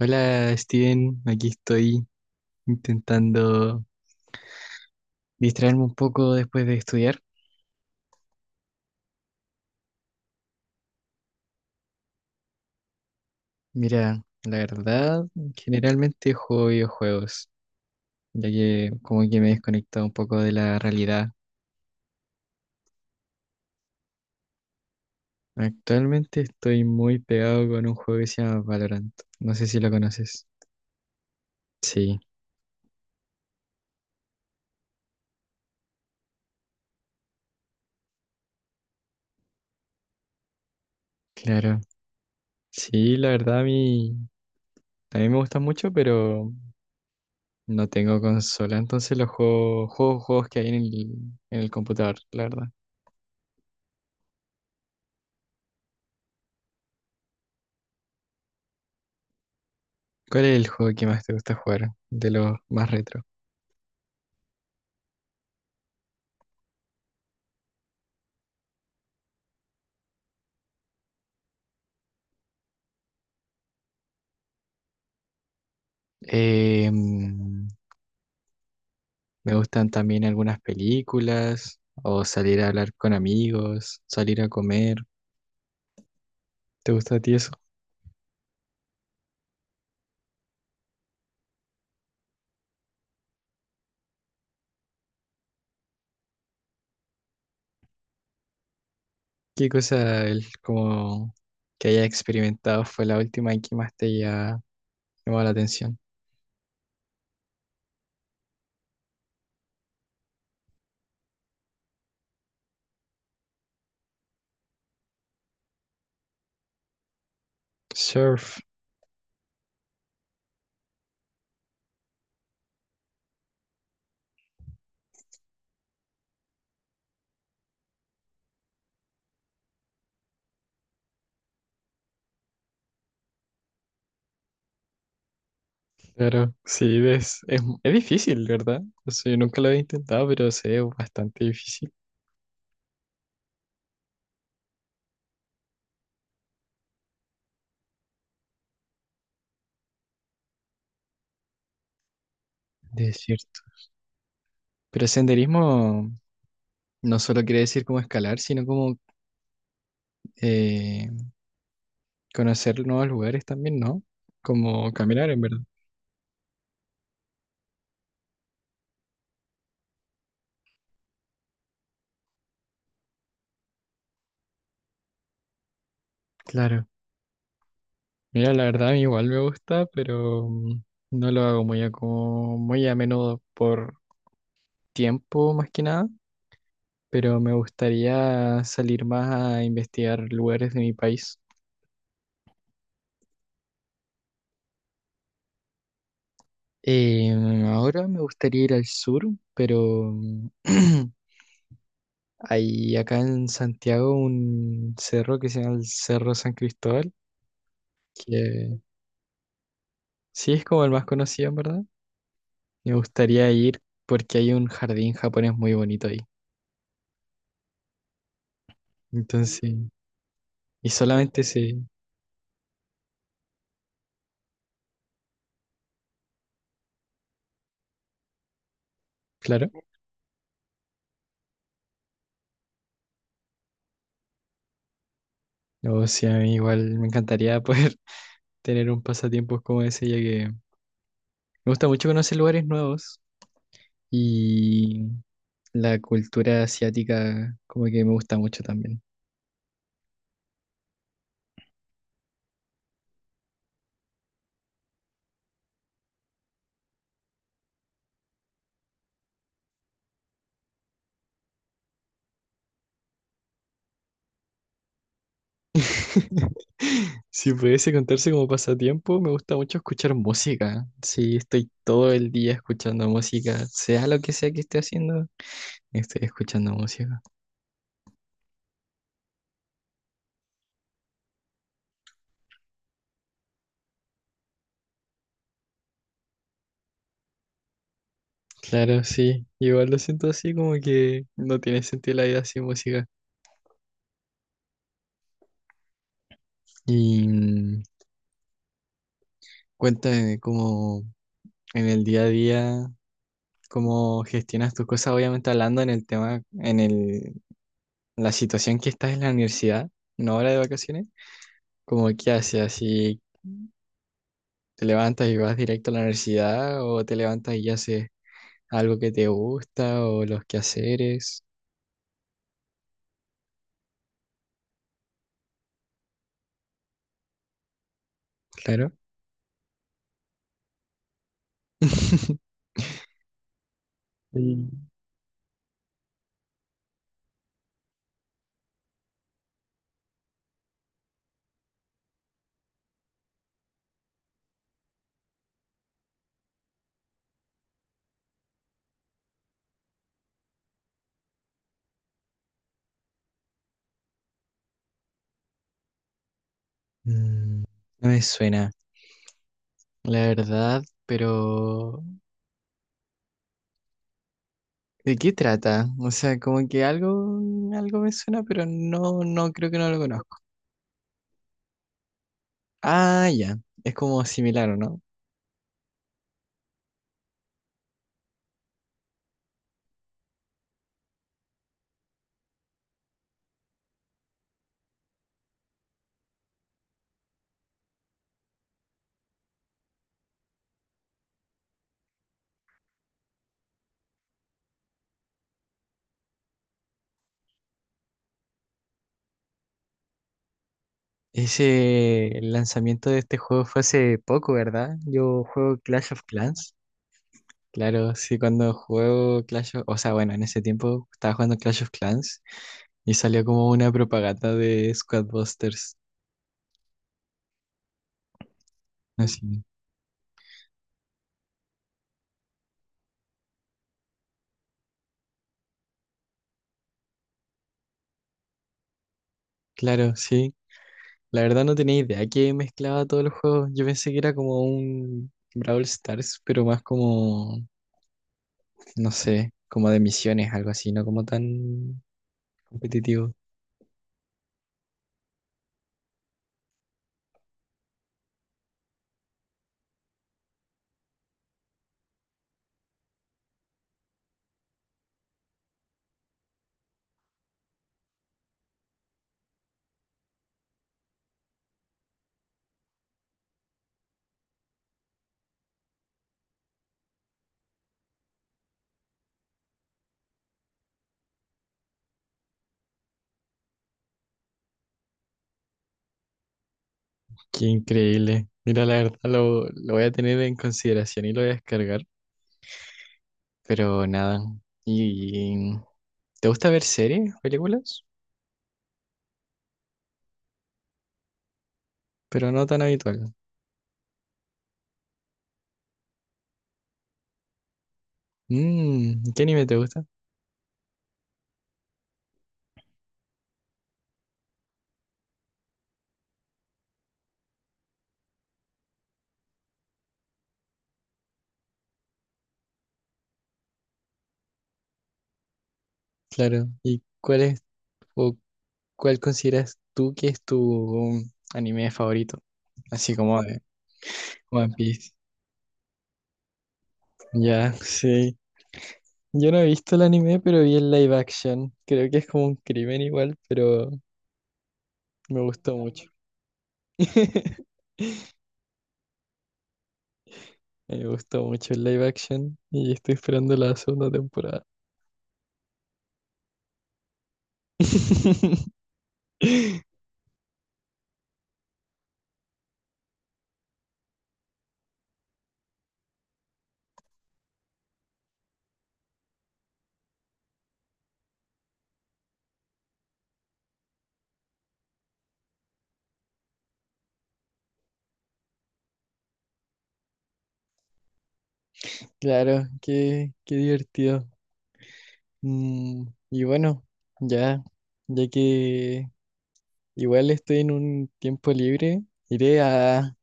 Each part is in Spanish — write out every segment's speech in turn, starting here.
Hola Steven, aquí estoy intentando distraerme un poco después de estudiar. Mira, la verdad, generalmente juego videojuegos, ya que como que me he desconectado un poco de la realidad. Actualmente estoy muy pegado con un juego que se llama Valorant. No sé si lo conoces. Sí, claro. Sí, la verdad a mí también me gusta mucho, pero no tengo consola, entonces los juego, juego juegos que hay en el computador, la verdad. ¿Cuál es el juego que más te gusta jugar? De los más retro. Eh, mm, Me gustan también algunas películas, o salir a hablar con amigos, salir a comer. ¿Te gusta a ti eso? ¿Qué cosa el, como que haya experimentado fue la última y que más te haya llamado la atención? Surf, claro, sí, ves, es difícil, ¿verdad? O sea, yo nunca lo he intentado, pero sé, es bastante difícil. De cierto. Pero senderismo no solo quiere decir como escalar, sino como eh, conocer nuevos lugares también, ¿no? Como caminar, en verdad. Claro. Mira, la verdad a mí igual me gusta, pero no lo hago muy a, como, muy a menudo por tiempo más que nada, pero me gustaría salir más a investigar lugares de mi país. Eh, Ahora me gustaría ir al sur, pero hay acá en Santiago un cerro que se llama el Cerro San Cristóbal, que sí es como el más conocido, en verdad. Me gustaría ir porque hay un jardín japonés muy bonito ahí. Entonces, y solamente se, claro, o sea, a mí igual me encantaría poder tener un pasatiempo como ese, ya que me gusta mucho conocer lugares nuevos y la cultura asiática como que me gusta mucho también. Si pudiese contarse como pasatiempo, me gusta mucho escuchar música. Sí, estoy todo el día escuchando música, sea lo que sea que esté haciendo, estoy escuchando música. Claro, sí. Igual lo siento así como que no tiene sentido la vida sin música. Y cuéntame cómo en el día a día, cómo gestionas tus cosas, obviamente hablando en el tema, la situación que estás en la universidad, no ahora de vacaciones, como qué haces, así te levantas y vas directo a la universidad o te levantas y haces algo que te gusta o los quehaceres, claro. Mm. Mm, no me suena. La verdad, pero ¿de qué trata? O sea, como que algo, algo me suena, pero no, no creo que no lo conozco. Ah, ya, es como similar, ¿o no? Ese el lanzamiento de este juego fue hace poco, ¿verdad? Yo juego Clash of Clans. Claro, sí, cuando juego Clash of... O sea, bueno, en ese tiempo estaba jugando Clash of Clans y salió como una propaganda de Squad Busters. Así. Claro, sí, la verdad no tenía idea que mezclaba todos los juegos. Yo pensé que era como un Brawl Stars, pero más como, no sé, como de misiones, algo así, no como tan competitivo. Qué increíble. Mira, la verdad lo voy a tener en consideración y lo voy a descargar, pero nada. ¿Y te gusta ver series, películas? Pero no tan habitual. Mm, ¿qué anime te gusta? Claro. ¿Y cuál es o cuál consideras tú que es tu anime favorito? Así como de One Piece. Ya, sí. Yo no he visto el anime, pero vi el live action. Creo que es como un crimen igual, pero me gustó mucho. Me gustó mucho el live action y estoy esperando la segunda temporada. Claro, qué divertido. Mm, y bueno, ya, ya que igual estoy en un tiempo libre, iré a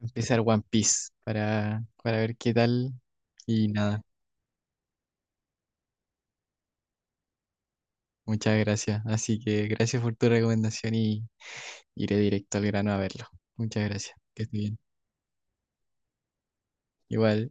empezar One Piece para ver qué tal y nada. Muchas gracias. Así que gracias por tu recomendación y iré directo al grano a verlo. Muchas gracias. Que esté bien. Igual.